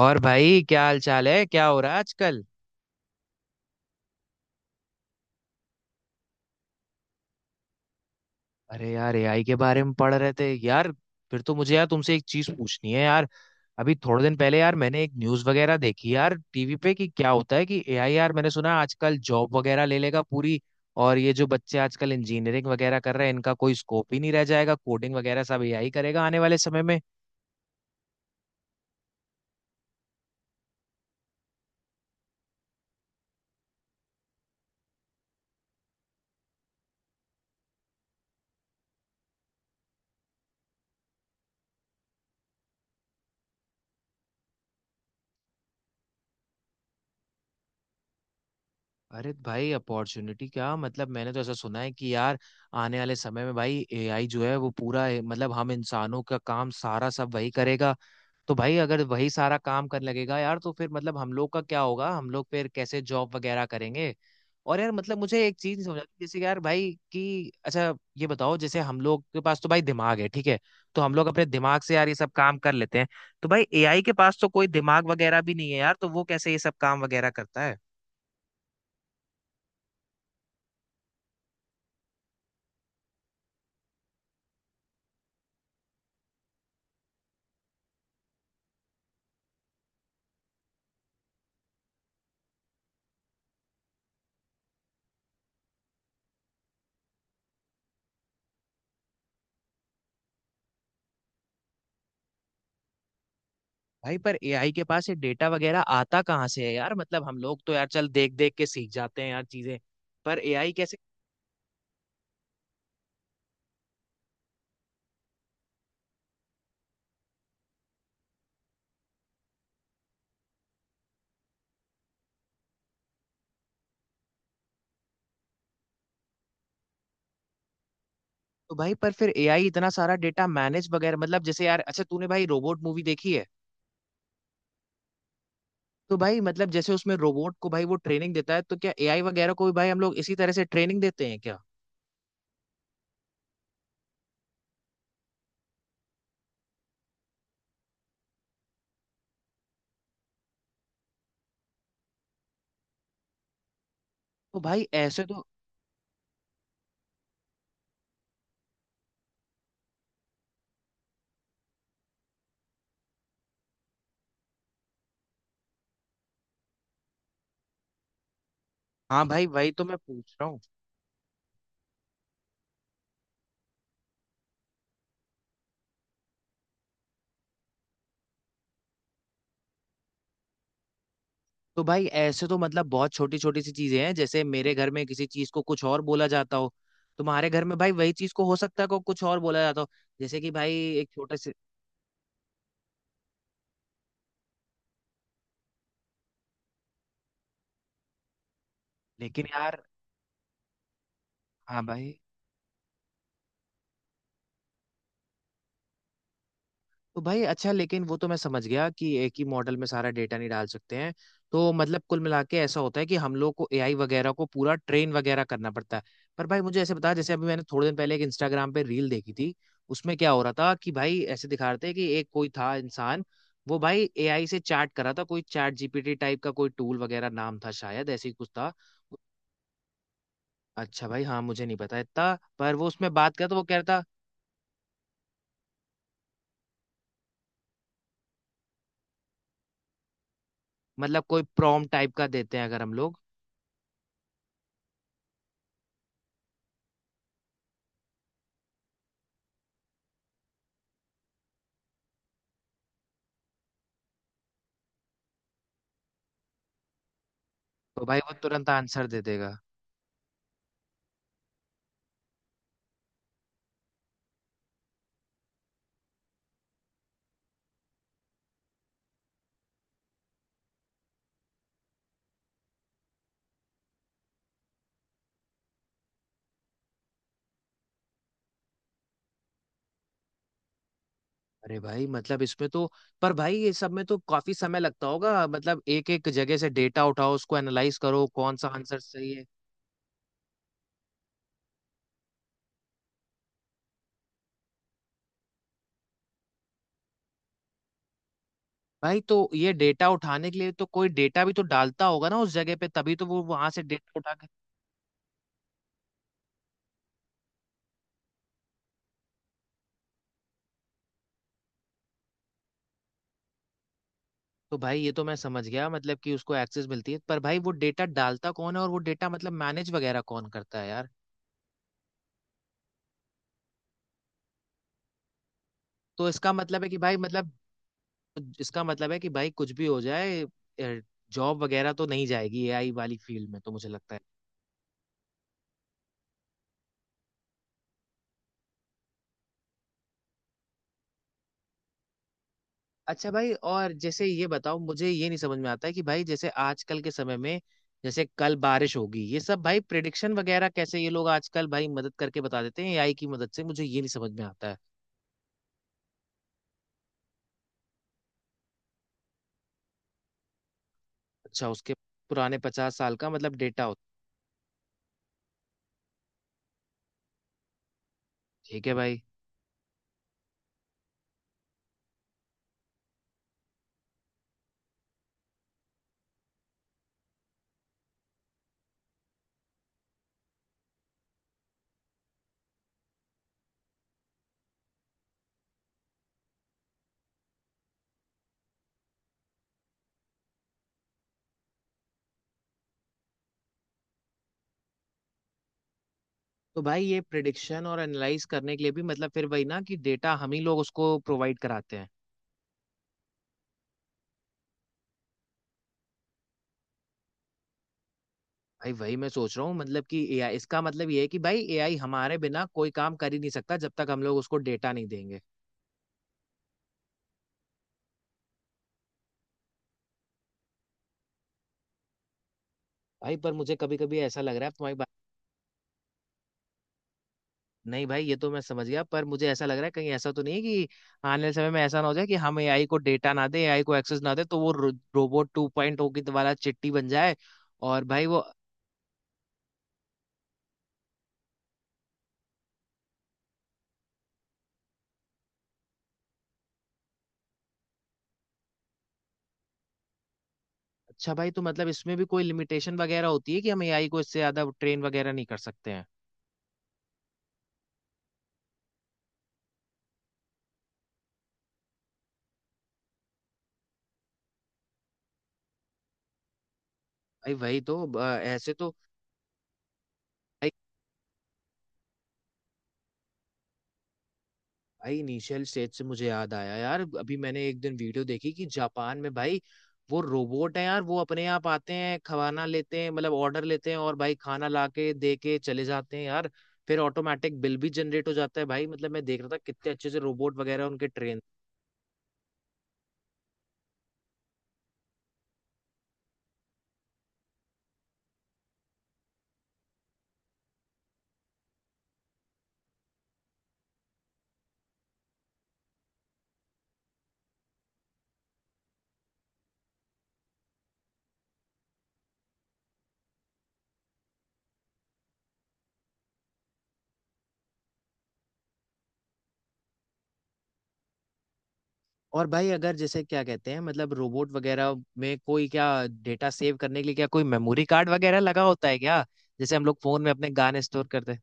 और भाई, क्या हाल चाल है? क्या हो रहा है आजकल? अरे यार, एआई के बारे में पढ़ रहे थे यार। फिर तो मुझे यार तुमसे एक चीज पूछनी है यार। अभी थोड़े दिन पहले यार मैंने एक न्यूज वगैरह देखी यार टीवी पे कि क्या होता है कि एआई, यार मैंने सुना आजकल जॉब वगैरह ले लेगा पूरी। और ये जो बच्चे आजकल इंजीनियरिंग वगैरह कर रहे हैं, इनका कोई स्कोप ही नहीं रह जाएगा, कोडिंग वगैरह सब एआई करेगा आने वाले समय में। अरे भाई, अपॉर्चुनिटी क्या मतलब? मैंने तो ऐसा सुना है कि यार आने वाले समय में भाई एआई जो है वो पूरा मतलब हम इंसानों का काम सारा सब वही करेगा। तो भाई अगर वही सारा काम करने लगेगा यार, तो फिर मतलब हम लोग का क्या होगा? हम लोग फिर कैसे जॉब वगैरह करेंगे? और यार मतलब मुझे एक चीज नहीं समझ आती, जैसे कि यार भाई कि अच्छा ये बताओ, जैसे हम लोग के पास तो भाई दिमाग है, ठीक है। तो हम लोग अपने दिमाग से यार ये सब काम कर लेते हैं। तो भाई एआई के पास तो कोई दिमाग वगैरह भी नहीं है यार, तो वो कैसे ये सब काम वगैरह करता है? भाई पर एआई के पास ये डेटा वगैरह आता कहाँ से है यार? मतलब हम लोग तो यार चल देख देख के सीख जाते हैं यार चीजें। पर एआई कैसे? तो भाई पर फिर एआई इतना सारा डेटा मैनेज वगैरह, मतलब जैसे यार, अच्छा तूने भाई रोबोट मूवी देखी है? तो भाई मतलब जैसे उसमें रोबोट को भाई वो ट्रेनिंग देता है, तो क्या एआई वगैरह को भी भाई हम लोग इसी तरह से ट्रेनिंग देते हैं क्या? तो भाई ऐसे तो। हाँ भाई, वही तो मैं पूछ रहा हूँ। तो भाई ऐसे तो मतलब बहुत छोटी छोटी सी चीजें हैं, जैसे मेरे घर में किसी चीज को कुछ और बोला जाता हो, तुम्हारे घर में भाई वही चीज को हो सकता है को कुछ और बोला जाता हो। जैसे कि भाई एक छोटे से। लेकिन यार, हाँ भाई। तो भाई अच्छा, लेकिन वो तो मैं समझ गया कि एक ही मॉडल में सारा डेटा नहीं डाल सकते हैं। तो मतलब कुल मिला के ऐसा होता है कि हम लोग को एआई वगैरह को पूरा ट्रेन वगैरह करना पड़ता है। पर भाई मुझे ऐसे बता, जैसे अभी मैंने थोड़े दिन पहले एक इंस्टाग्राम पे रील देखी थी। उसमें क्या हो रहा था कि भाई ऐसे दिखा रहे थे कि एक कोई था इंसान। वो भाई एआई से चैट कर रहा था, कोई चैट जीपीटी टाइप का कोई टूल वगैरह नाम था शायद, ऐसे ही कुछ था। अच्छा भाई, हाँ, मुझे नहीं पता इतना, पर वो उसमें बात किया तो वो कह रहा था, मतलब कोई प्रॉम्प्ट टाइप का देते हैं अगर हम लोग। तो भाई वो तुरंत आंसर दे देगा? अरे भाई मतलब इसमें तो। पर भाई ये सब में तो काफी समय लगता होगा, मतलब एक एक जगह से डेटा उठाओ, उसको एनालाइज करो, कौन सा आंसर सही है। भाई तो ये डेटा उठाने के लिए तो कोई डेटा भी तो डालता होगा ना उस जगह पे, तभी तो वो वहां से डेटा उठा के। तो भाई ये तो मैं समझ गया मतलब कि उसको एक्सेस मिलती है, पर भाई वो डेटा डालता कौन है और वो डेटा मतलब मैनेज वगैरह कौन करता है यार? तो इसका मतलब है कि भाई मतलब, इसका मतलब है कि भाई कुछ भी हो जाए, जॉब वगैरह तो नहीं जाएगी एआई वाली फील्ड में तो मुझे लगता है। अच्छा भाई, और जैसे ये बताओ, मुझे ये नहीं समझ में आता है कि भाई जैसे आजकल के समय में, जैसे कल बारिश होगी, ये सब भाई प्रिडिक्शन वगैरह कैसे ये लोग आजकल भाई मदद करके बता देते हैं एआई की मदद से, मुझे ये नहीं समझ में आता है। अच्छा उसके पुराने 50 साल का मतलब डेटा होता है? ठीक है भाई। तो भाई ये प्रिडिक्शन और एनालाइज करने के लिए भी मतलब फिर वही ना, कि डेटा हम ही लोग उसको प्रोवाइड कराते हैं। भाई वही मैं सोच रहा हूँ, मतलब कि एआई, इसका मतलब ये है कि भाई एआई हमारे बिना कोई काम कर ही नहीं सकता जब तक हम लोग उसको डेटा नहीं देंगे। भाई पर मुझे कभी कभी ऐसा लग रहा है तुम्हारी। नहीं भाई, ये तो मैं समझ गया, पर मुझे ऐसा लग रहा है कहीं ऐसा तो नहीं है कि आने वाले समय में ऐसा ना हो जाए कि हम एआई को डेटा ना दे, एआई को एक्सेस ना दे, तो वो रोबोट 2.0 की वाला चिट्टी बन जाए। और भाई वो। अच्छा भाई, तो मतलब इसमें भी कोई लिमिटेशन वगैरह होती है कि हम एआई को इससे ज्यादा ट्रेन वगैरह नहीं कर सकते हैं? भाई वही तो ऐसे तो। भाई इनिशियल स्टेज से मुझे याद आया यार, अभी मैंने एक दिन वीडियो देखी कि जापान में भाई वो रोबोट है यार, वो अपने आप आते हैं खाना लेते हैं, मतलब ऑर्डर लेते हैं और भाई खाना लाके दे के चले जाते हैं यार। फिर ऑटोमेटिक बिल भी जनरेट हो जाता है भाई। मतलब मैं देख रहा था कितने अच्छे से रोबोट वगैरह उनके ट्रेन। और भाई, अगर जैसे क्या कहते हैं, मतलब रोबोट वगैरह में कोई क्या डेटा सेव करने के लिए क्या कोई मेमोरी कार्ड वगैरह लगा होता है क्या? जैसे हम लोग फोन में अपने गाने स्टोर करते हैं।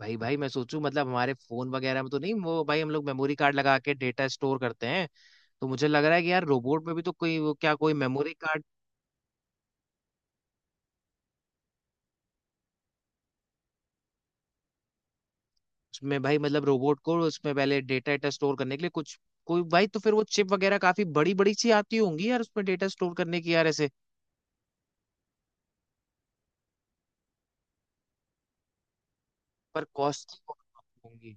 भाई भाई मैं सोचूं मतलब हमारे फोन वगैरह में तो नहीं वो, भाई हम लोग मेमोरी कार्ड लगा के डेटा स्टोर करते हैं। तो मुझे लग रहा है कि यार रोबोट में भी तो कोई वो क्या कोई मेमोरी कार्ड। में भाई मतलब रोबोट को उसमें पहले डेटा डेटा स्टोर करने के लिए कुछ कोई भाई, तो फिर वो चिप वगैरह काफी बड़ी बड़ी सी आती होंगी यार उसमें डेटा स्टोर करने की यार ऐसे। पर कॉस्टली होंगी।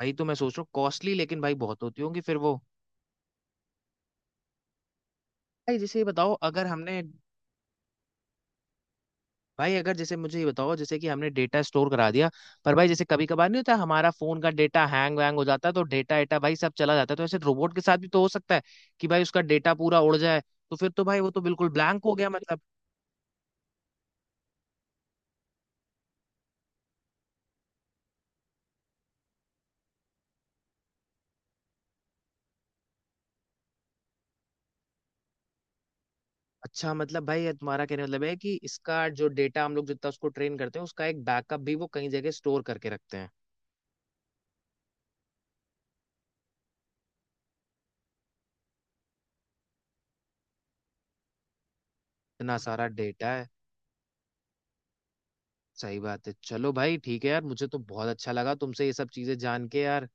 भाई तो मैं सोच रहा हूँ कॉस्टली लेकिन भाई बहुत होती होंगी फिर वो। भाई जैसे ये बताओ, अगर हमने, भाई अगर जैसे मुझे ये बताओ, जैसे कि हमने डेटा स्टोर करा दिया, पर भाई जैसे कभी कभार नहीं होता हमारा फोन का डेटा हैंग वैंग हो जाता है तो डेटा एटा भाई सब चला जाता है, तो ऐसे रोबोट के साथ भी तो हो सकता है कि भाई उसका डेटा पूरा उड़ जाए। तो फिर तो भाई वो तो बिल्कुल ब्लैंक हो गया मतलब। अच्छा, मतलब भाई ये तुम्हारा कहने का मतलब है कि इसका जो डेटा हम लोग जितना उसको ट्रेन करते हैं उसका एक बैकअप भी वो कहीं जगह स्टोर करके रखते हैं? इतना सारा डेटा है। सही बात है, चलो भाई ठीक है यार, मुझे तो बहुत अच्छा लगा तुमसे ये सब चीजें जान के यार।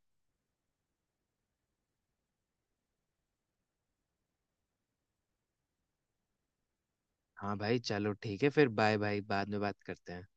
हाँ भाई चलो ठीक है फिर, बाय बाय, बाद में बात करते हैं।